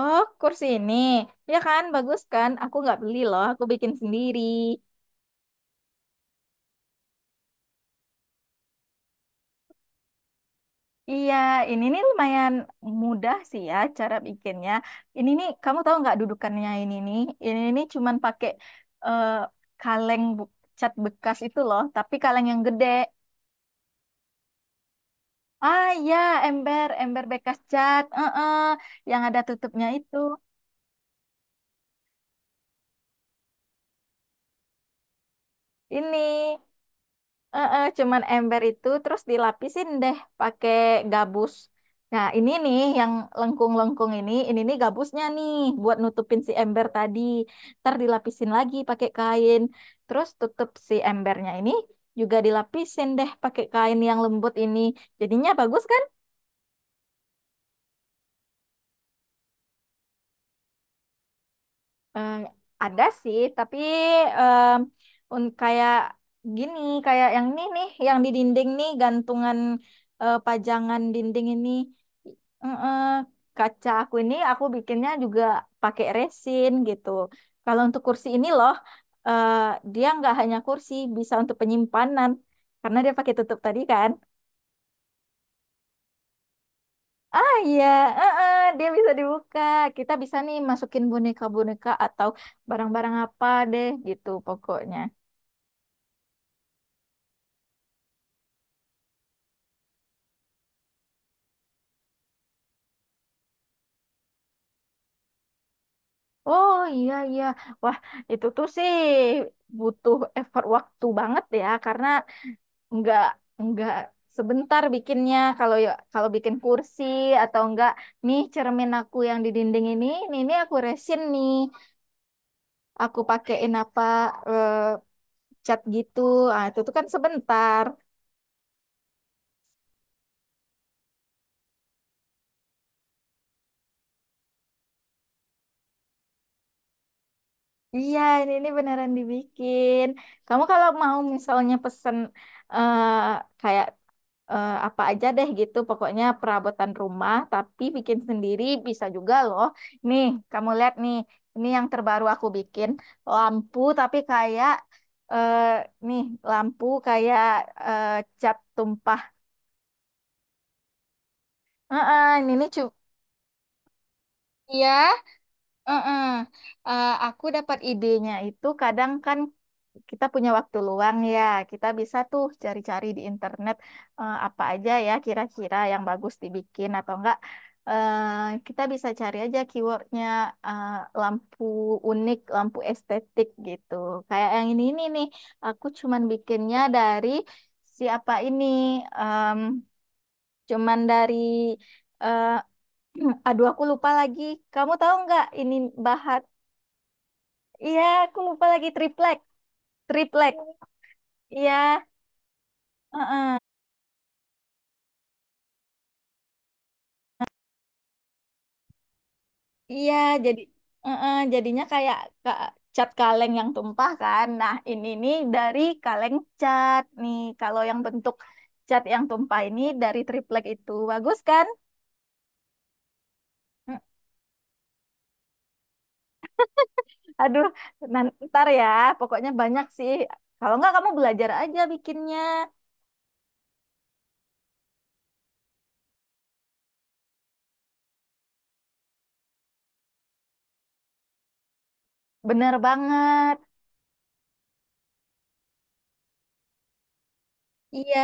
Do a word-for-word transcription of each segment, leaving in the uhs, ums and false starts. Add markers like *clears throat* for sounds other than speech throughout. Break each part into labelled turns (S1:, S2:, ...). S1: Oh, kursi ini. Ya kan, bagus kan? Aku nggak beli loh, aku bikin sendiri. Iya, ini nih lumayan mudah sih ya cara bikinnya. Ini nih, kamu tahu nggak dudukannya ini nih? Ini nih cuman pakai eh, kaleng bu- cat bekas itu loh, tapi kaleng yang gede. Ah ya, ember, ember bekas cat, eh eh, yang ada tutupnya itu. Ini. Eh, eh, cuman ember itu terus dilapisin deh pakai gabus. Nah, ini nih yang lengkung-lengkung ini, ini nih gabusnya nih buat nutupin si ember tadi. Ntar dilapisin lagi pakai kain. Terus tutup si embernya ini juga dilapisin deh pakai kain yang lembut ini. Jadinya bagus kan? Eh, ada sih, tapi em, un- kayak gini, kayak yang ini nih, yang di dinding nih, gantungan eh, pajangan dinding ini. Eh, eh, Kaca aku ini aku bikinnya juga pakai resin gitu. Kalau untuk kursi ini loh, eh, dia nggak hanya kursi, bisa untuk penyimpanan. Karena dia pakai tutup tadi kan. Ah iya, eh, eh, dia bisa dibuka. Kita bisa nih masukin boneka-boneka atau barang-barang apa deh gitu pokoknya. Oh iya iya, wah itu tuh sih butuh effort waktu banget ya karena nggak nggak sebentar bikinnya kalau ya kalau bikin kursi atau enggak nih cermin aku yang di dinding ini, ini, ini, aku resin nih, aku pakein apa eh, cat gitu, ah itu tuh kan sebentar. Iya, ini, ini beneran dibikin. Kamu kalau mau misalnya pesen eh, kayak eh, apa aja deh gitu, pokoknya perabotan rumah, tapi bikin sendiri bisa juga loh. Nih, kamu lihat nih, ini yang terbaru aku bikin lampu, tapi kayak eh, nih lampu kayak eh, cat tumpah. Heeh, ini, ini cu- Iya, heeh. Eh, aku dapat idenya itu kadang kan kita punya waktu luang ya, kita bisa tuh cari-cari di internet, eh, apa aja ya kira-kira yang bagus dibikin atau enggak. eh kita bisa cari aja keywordnya, eh, lampu unik, lampu estetik gitu. Kayak yang ini ini nih, aku cuman bikinnya dari siapa ini, em, cuman dari eh, *clears throat* aduh aku lupa lagi. Kamu tahu nggak ini bahan? Iya, aku lupa lagi triplek, triplek. Iya. Iya, jadi eh, eh, jadinya kayak ka- cat kaleng yang tumpah kan. Nah, ini nih dari kaleng cat nih. Kalau yang bentuk cat yang tumpah ini dari triplek itu bagus kan? Mm, Aduh, nan- ntar ya. Pokoknya banyak sih. Kalau nggak kamu belajar aja bikinnya. Bener banget. Iya.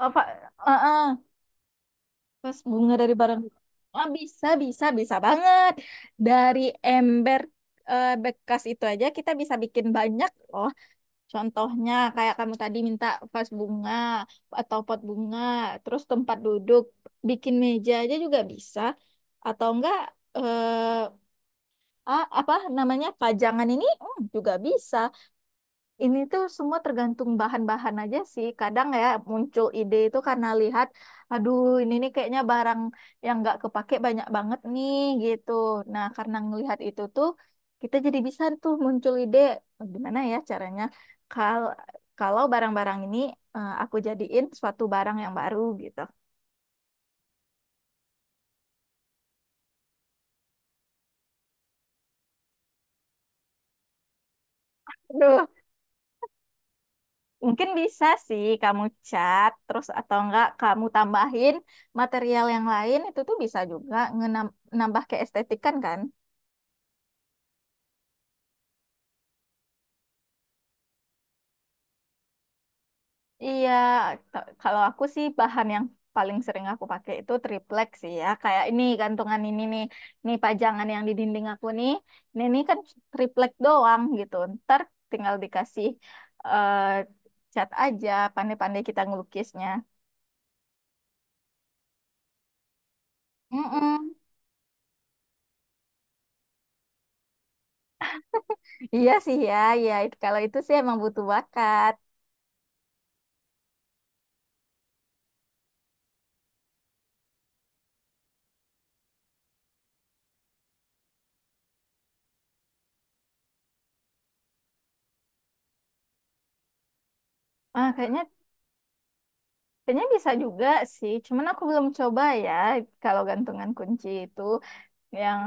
S1: Apa? eh, eh, Pas bunga dari barang. Ah, bisa, bisa, bisa banget. Dari ember eh, bekas itu aja kita bisa bikin banyak loh. Contohnya kayak kamu tadi minta vas bunga atau pot bunga, terus tempat duduk, bikin meja aja juga bisa, atau enggak eh, a- apa namanya pajangan ini hmm, juga bisa. Ini tuh semua tergantung bahan-bahan aja sih. Kadang ya muncul ide itu karena lihat, aduh ini nih kayaknya barang yang nggak kepake banyak banget nih gitu. Nah karena ngelihat itu tuh kita jadi bisa tuh muncul ide, "Oh, gimana ya caranya kalau kalau barang-barang ini eh, aku jadiin suatu barang yang baru gitu." Aduh, mungkin bisa sih kamu cat terus atau enggak kamu tambahin material yang lain itu tuh bisa juga ngenam- nambah keestetikan kan. Iya, ta- kalau aku sih bahan yang paling sering aku pakai itu triplek sih ya. Kayak ini gantungan ini nih, ini pajangan yang di dinding aku nih. Ini, ini kan triplek doang gitu. Ntar tinggal dikasih eh, cat aja, pandai-pandai kita ngelukisnya. Mm-mm. Iya sih ya, ya itu- kalau itu sih emang butuh bakat. Ah, kayaknya kayaknya bisa juga sih. Cuman aku belum coba ya kalau gantungan kunci itu. yang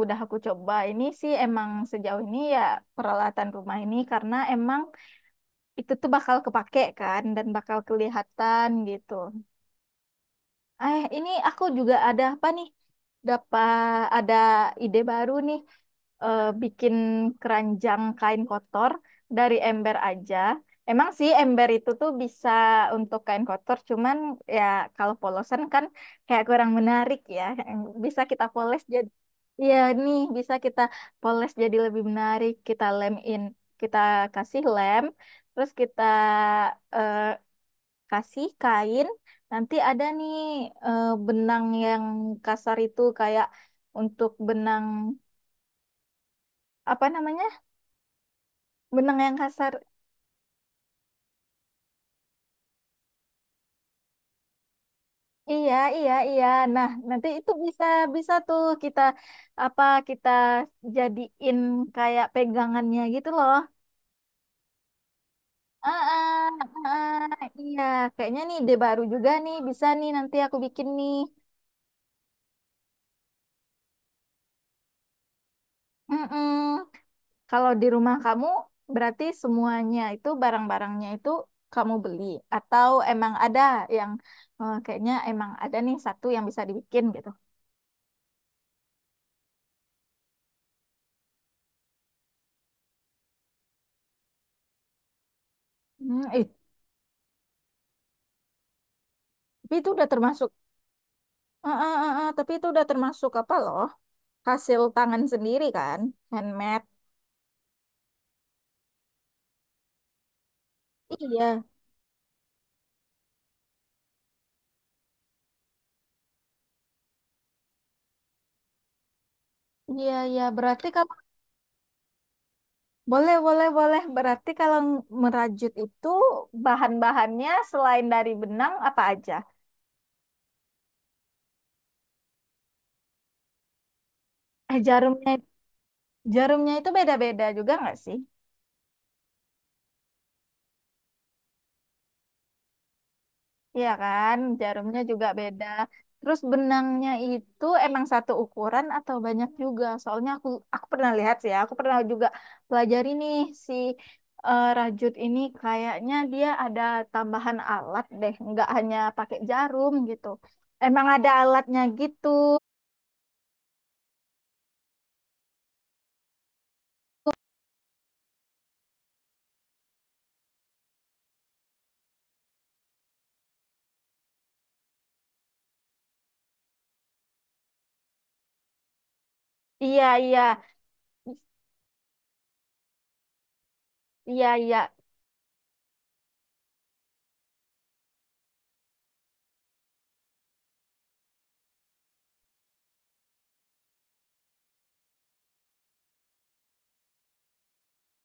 S1: udah aku coba ini sih emang sejauh ini ya peralatan rumah ini karena emang itu tuh bakal kepake kan dan bakal kelihatan gitu. Eh, ini aku juga ada apa nih? Dapat ada ide baru nih. eh, bikin keranjang kain kotor dari ember aja. Emang sih ember itu tuh bisa untuk kain kotor, cuman ya kalau polosan kan kayak kurang menarik ya. Bisa kita poles jadi, ya nih bisa kita poles jadi lebih menarik. Kita lem in, kita kasih lem, terus kita eh, kasih kain, nanti ada nih eh, benang yang kasar itu kayak untuk benang apa namanya benang yang kasar. Iya, iya, iya. Nah nanti itu bisa bisa tuh kita apa kita jadiin kayak pegangannya gitu loh. ah ah, ah, iya, kayaknya nih ide baru juga nih bisa nih nanti aku bikin nih. Mm-mm. Kalau di rumah kamu, berarti semuanya itu barang-barangnya itu kamu beli atau emang ada yang eh, kayaknya emang ada nih satu yang bisa dibikin gitu. Hmm, ih, tapi itu udah termasuk, eh, eh, eh, eh, tapi itu udah termasuk apa loh? Hasil tangan sendiri kan, handmade. Iya, iya, iya. Berarti kalau Boleh, boleh, boleh. Berarti kalau merajut itu bahan-bahannya selain dari benang apa aja? Eh, jarumnya, jarumnya itu beda-beda juga nggak sih? Iya kan, jarumnya juga beda. Terus benangnya itu emang satu ukuran atau banyak juga? Soalnya aku aku pernah lihat sih ya, aku pernah juga pelajari nih si eh, rajut ini kayaknya dia ada tambahan alat deh, nggak hanya pakai jarum gitu. Emang ada alatnya gitu. Iya, iya. Iya, iya.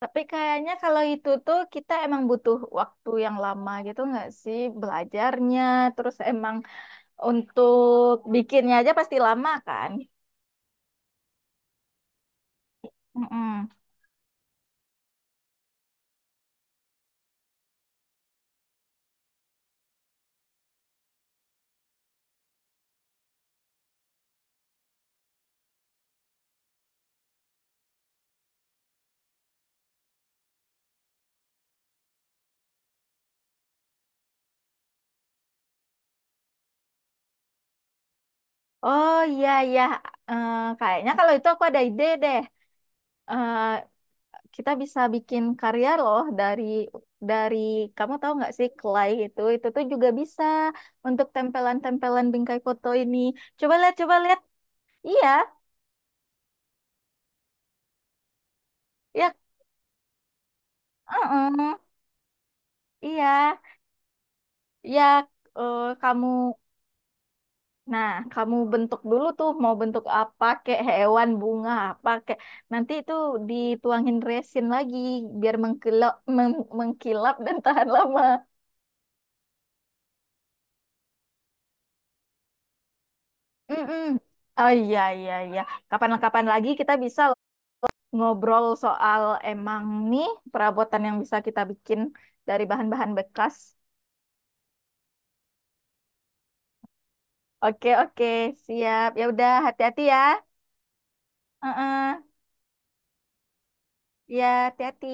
S1: Tapi kayaknya kalau itu tuh kita emang butuh waktu yang lama gitu nggak sih belajarnya, terus emang Untuk bikinnya aja pasti lama kan? Mm-mm. Oh iya iya. Eh, kayaknya kalau itu aku ada ide deh. Eh, Kita bisa bikin karya loh dari dari kamu tahu nggak sih clay itu itu tuh juga bisa untuk tempelan-tempelan bingkai foto ini. Coba lihat coba lihat. Iya ya, mm-mm. Iya ya. Eh, kamu Nah, kamu bentuk dulu tuh mau bentuk apa kayak hewan, bunga apa kayak nanti itu dituangin resin lagi biar mengkilap meng- mengkilap dan tahan lama. Mm-mm. Oh iya iya iya. Kapan-kapan lagi kita bisa ngobrol soal emang nih perabotan yang bisa kita bikin dari bahan-bahan bekas. Oke oke, siap. Ya udah hati-hati ya. Heeh. Ya, hati-hati.